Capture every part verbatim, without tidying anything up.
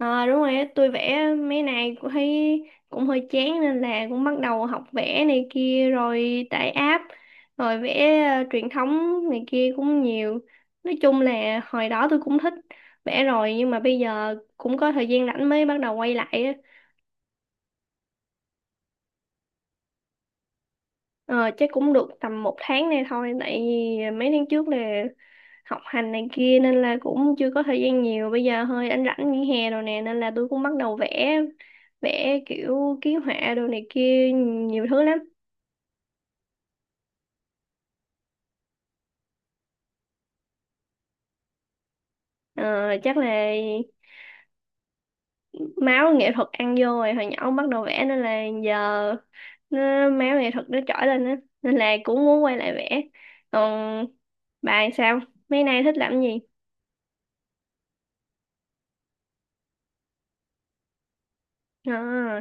Ờ đúng rồi á, tôi vẽ mấy này cũng thấy cũng hơi chán nên là cũng bắt đầu học vẽ này kia rồi tải app rồi vẽ ờ, truyền thống này kia cũng nhiều. Nói chung là hồi đó tôi cũng thích vẽ rồi nhưng mà bây giờ cũng có thời gian rảnh mới bắt đầu quay lại á. Ờ, chắc cũng được tầm một tháng nay thôi tại vì mấy tháng trước là học hành này kia nên là cũng chưa có thời gian nhiều, bây giờ hơi anh rảnh nghỉ hè rồi nè nên là tôi cũng bắt đầu vẽ vẽ kiểu ký họa đồ này kia nhiều thứ lắm. Ờ, chắc là máu nghệ thuật ăn vô rồi, hồi nhỏ bắt đầu vẽ nên là giờ nó, máu nghệ thuật nó trỗi lên á nên là cũng muốn quay lại vẽ. Còn bà sao, mấy nay thích làm gì? À,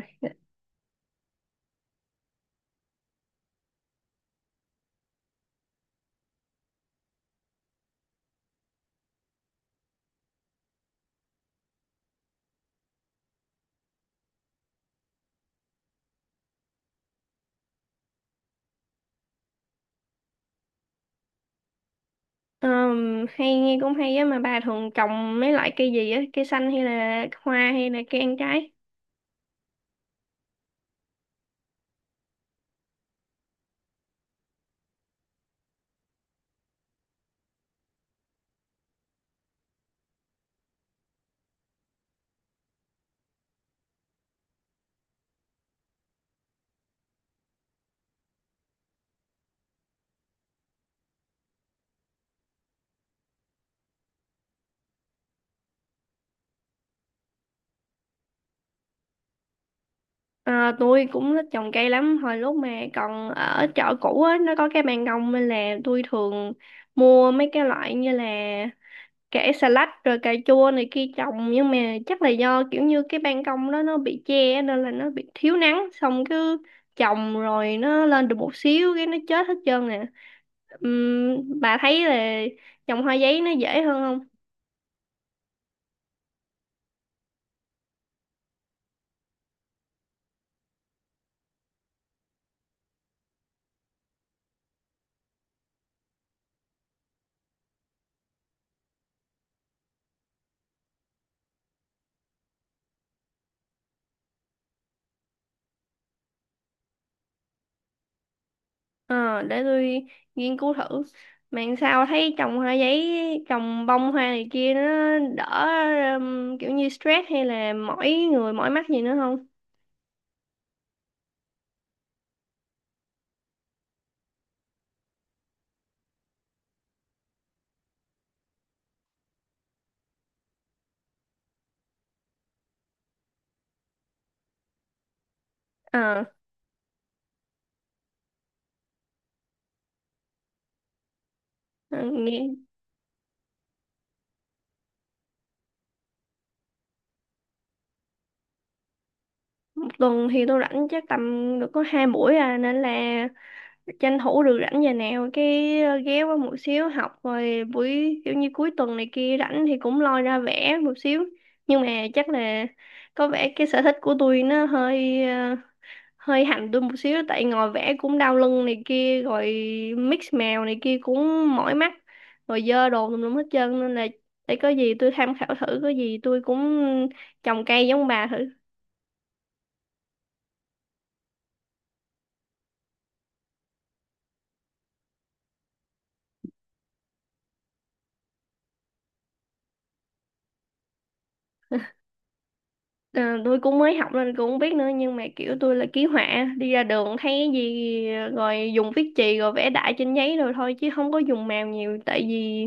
ờm, hay nghe cũng hay á, mà bà thường trồng mấy loại cây gì á, cây xanh hay là hoa hay là cây ăn trái? À, tôi cũng thích trồng cây lắm, hồi lúc mà còn ở chợ cũ á nó có cái ban công nên là tôi thường mua mấy cái loại như là kẻ xà lách rồi cà chua này kia trồng, nhưng mà chắc là do kiểu như cái ban công đó nó bị che á, nên là nó bị thiếu nắng, xong cứ trồng rồi nó lên được một xíu cái nó chết hết trơn nè. Ừm, bà thấy là trồng hoa giấy nó dễ hơn. Ờ, để tôi nghiên cứu thử. Mà sao thấy trồng hoa giấy, trồng bông hoa này kia nó đỡ, um, kiểu như stress hay là mỏi người mỏi mắt gì nữa không? Ờ. Ờ. Nghĩ. Một tuần thì tôi rảnh chắc tầm được có hai buổi à, nên là tranh thủ được rảnh giờ nào cái ờ, ghé qua một xíu học, rồi buổi kiểu như cuối tuần này kia rảnh thì cũng lôi ra vẽ một xíu. Nhưng mà chắc là có vẻ cái sở thích của tôi nó hơi ờ, hơi hành tôi một xíu, tại ngồi vẽ cũng đau lưng này kia rồi mix mèo này kia cũng mỏi mắt, rồi dơ đồ tùm lum hết trơn, nên là để có gì tôi tham khảo thử, có gì tôi cũng trồng cây giống bà thử. Ờ, tôi cũng mới học nên cũng không biết nữa, nhưng mà kiểu tôi là ký họa đi ra đường thấy cái gì rồi dùng viết chì rồi vẽ đại trên giấy rồi thôi, chứ không có dùng mèo nhiều, tại vì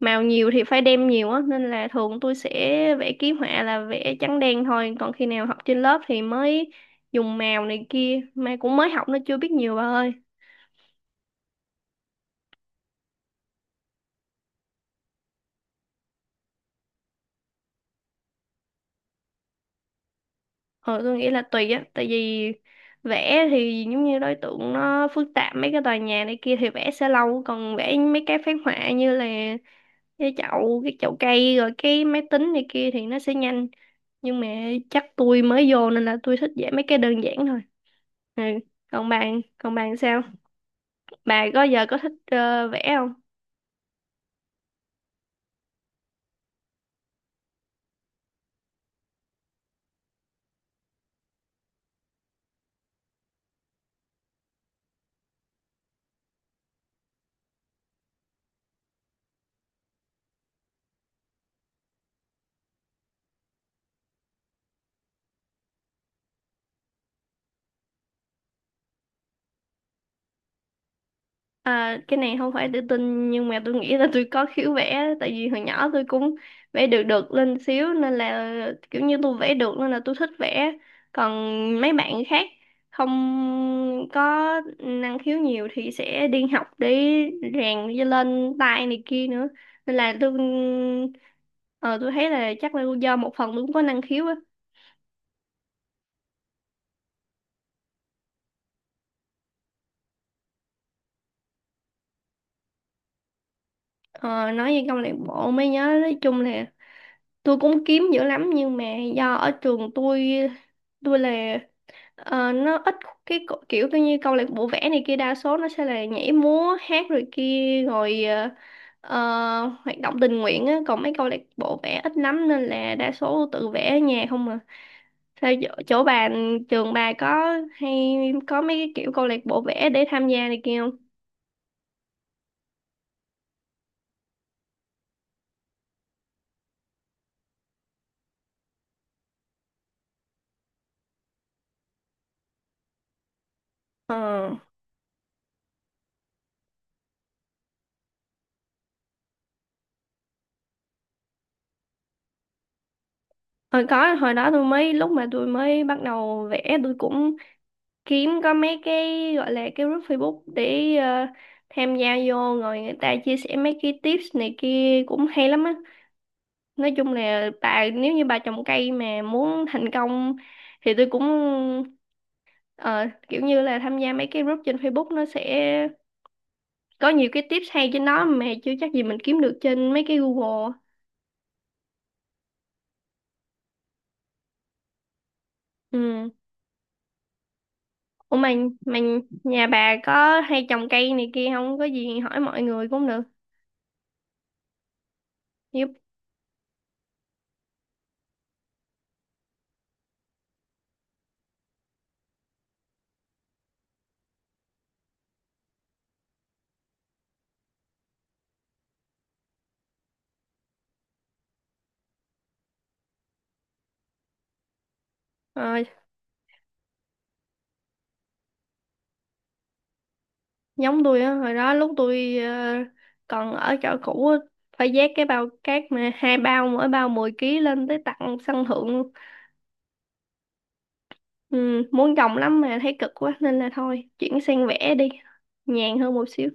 màu nhiều thì phải đem nhiều á, nên là thường tôi sẽ vẽ ký họa là vẽ trắng đen thôi, còn khi nào học trên lớp thì mới dùng màu này kia, mà cũng mới học nó chưa biết nhiều bà ơi. ờ tôi nghĩ là tùy á, tại vì vẽ thì giống như đối tượng nó phức tạp mấy cái tòa nhà này kia thì vẽ sẽ lâu, còn vẽ mấy cái phác họa như là cái chậu cái chậu cây rồi cái máy tính này kia thì nó sẽ nhanh. Nhưng mà chắc tôi mới vô nên là tôi thích vẽ mấy cái đơn giản thôi. Ừ. còn bạn còn bạn sao? Bà có giờ có thích ờ, vẽ không? À, cái này không phải tự tin nhưng mà tôi nghĩ là tôi có khiếu vẽ, tại vì hồi nhỏ tôi cũng vẽ được được lên xíu nên là kiểu như tôi vẽ được nên là tôi thích vẽ. Còn mấy bạn khác không có năng khiếu nhiều thì sẽ đi học để rèn cho lên tay này kia nữa. Nên là tôi ờ, tôi thấy là chắc là do một phần tôi cũng có năng khiếu á. Ờ, nói về câu lạc bộ mới nhớ, nói chung là tôi cũng kiếm dữ lắm nhưng mà do ở trường tôi, tôi là ờ, nó ít cái cổ- kiểu coi như câu lạc bộ vẽ này kia đa số nó sẽ là nhảy múa hát rồi kia rồi, ờ, ờ, hoạt động tình nguyện á, còn mấy câu lạc bộ vẽ ít lắm nên là đa số tự vẽ ở nhà không à. Sao chỗ, chỗ bà, trường bà có hay có mấy cái kiểu câu lạc bộ vẽ để tham gia này kia không? ờ hồi có Hồi đó tôi mới, lúc mà tôi mới bắt đầu vẽ tôi cũng kiếm có mấy cái gọi là cái group Facebook để ờ, tham gia vô, rồi người ta chia sẻ mấy cái tips này kia cũng hay lắm á. Nói chung là bà, nếu như bà trồng cây mà muốn thành công thì tôi cũng ờ, kiểu như là tham gia mấy cái group trên Facebook, nó sẽ có nhiều cái tips hay trên đó mà chưa chắc gì mình kiếm được trên mấy cái Google. Ừ. Ủa mà, mà nhà bà có hay trồng cây này kia không? Có gì hỏi mọi người cũng được. Giúp. Ờ. Giống tôi á, hồi đó lúc tôi ờ, còn ở chỗ cũ á, phải vác cái bao cát, mà hai bao mỗi bao mười ký lên tới tận sân thượng luôn. Ừ, muốn trồng lắm mà thấy cực quá nên là thôi, chuyển sang vẽ đi, nhàn hơn một xíu.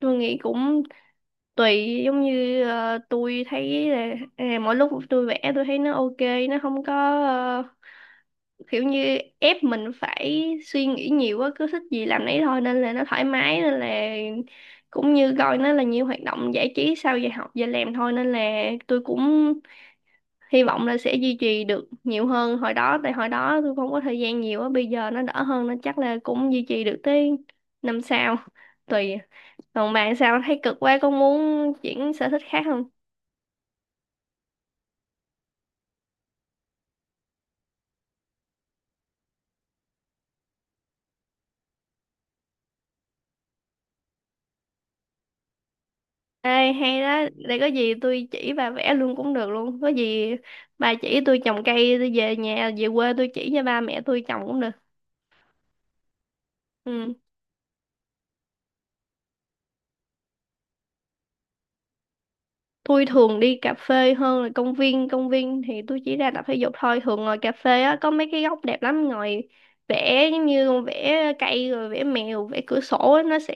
Tôi nghĩ cũng tùy, giống như ờ, tôi thấy là à, mỗi lúc tôi vẽ tôi thấy nó ok, nó không có ờ, kiểu như ép mình phải suy nghĩ nhiều quá, cứ thích gì làm nấy thôi nên là nó thoải mái, nên là cũng như coi nó là nhiều hoạt động giải trí sau giờ học giờ làm thôi, nên là tôi cũng hy vọng là sẽ duy trì được nhiều hơn hồi đó, tại hồi đó tôi không có thời gian nhiều á, bây giờ nó đỡ hơn nên chắc là cũng duy trì được tới năm sau, tùy. Còn bạn sao, thấy cực quá có muốn chuyển sở thích khác không? Ê, hay đó, để có gì tôi chỉ bà vẽ luôn cũng được luôn. Có gì bà chỉ tôi trồng cây, tôi về nhà, về quê tôi chỉ cho ba mẹ tôi trồng cũng được. Ừ. Tôi thường đi cà phê hơn là công viên, công viên thì tôi chỉ ra tập thể dục thôi. Thường ngồi cà phê á, có mấy cái góc đẹp lắm, ngồi vẽ giống như con vẽ cây rồi vẽ mèo, vẽ cửa sổ á, nó sẽ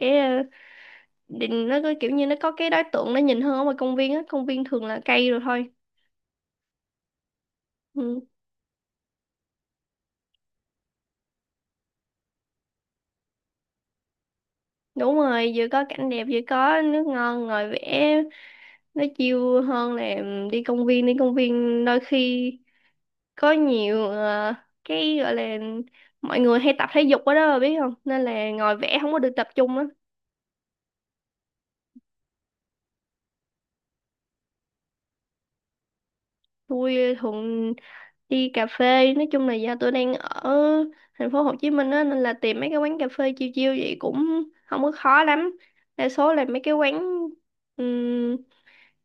định, nó có kiểu như nó có cái đối tượng nó nhìn hơn ở ngoài công viên á, công viên thường là cây rồi thôi. Ừ. Đúng rồi, vừa có cảnh đẹp vừa có nước ngon ngồi vẽ nó chill hơn là em đi công viên, đi công viên đôi khi có nhiều ờ, cái gọi là mọi người hay tập thể dục ở đó bà biết không, nên là ngồi vẽ không có được tập trung á. Tôi thường đi cà phê, nói chung là do tôi đang ở thành phố Hồ Chí Minh á nên là tìm mấy cái quán cà phê chill chill vậy cũng không có khó lắm. Đa số là mấy cái quán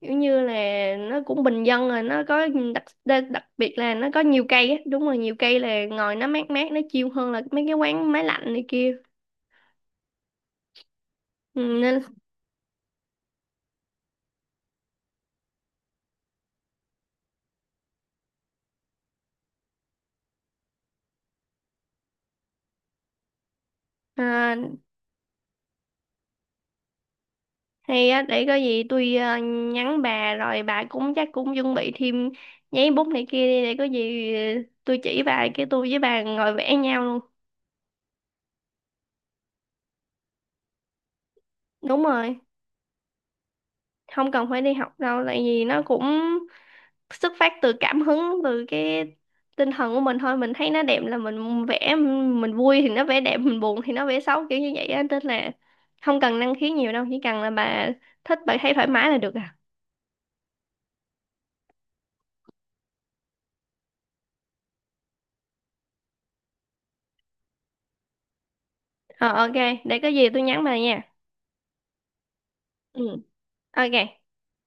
kiểu như là nó cũng bình dân rồi nó có đặc đa- đặc biệt là nó có nhiều cây á, đúng rồi nhiều cây là ngồi nó mát mát, nó chill hơn là mấy cái quán máy lạnh này kia. Ừ, nên. à, Hay á, để có gì tôi à, nhắn bà, rồi bà cũng chắc cũng chuẩn bị thêm giấy bút này kia đi, để có gì ờ, tôi chỉ bà, cái tôi với bà ngồi vẽ nhau luôn. Đúng rồi, không cần phải đi học đâu, tại vì nó cũng xuất phát từ cảm hứng, từ cái tinh thần của mình thôi, mình thấy nó đẹp là mình vẽ, mình vui thì nó vẽ đẹp, mình buồn thì nó vẽ xấu kiểu như vậy á, nên là không cần năng khiếu nhiều đâu, chỉ cần là bà thích, bà thấy thoải mái là được à. Ờ, ok. Để có gì tôi nhắn bà nha. Ừ, ok.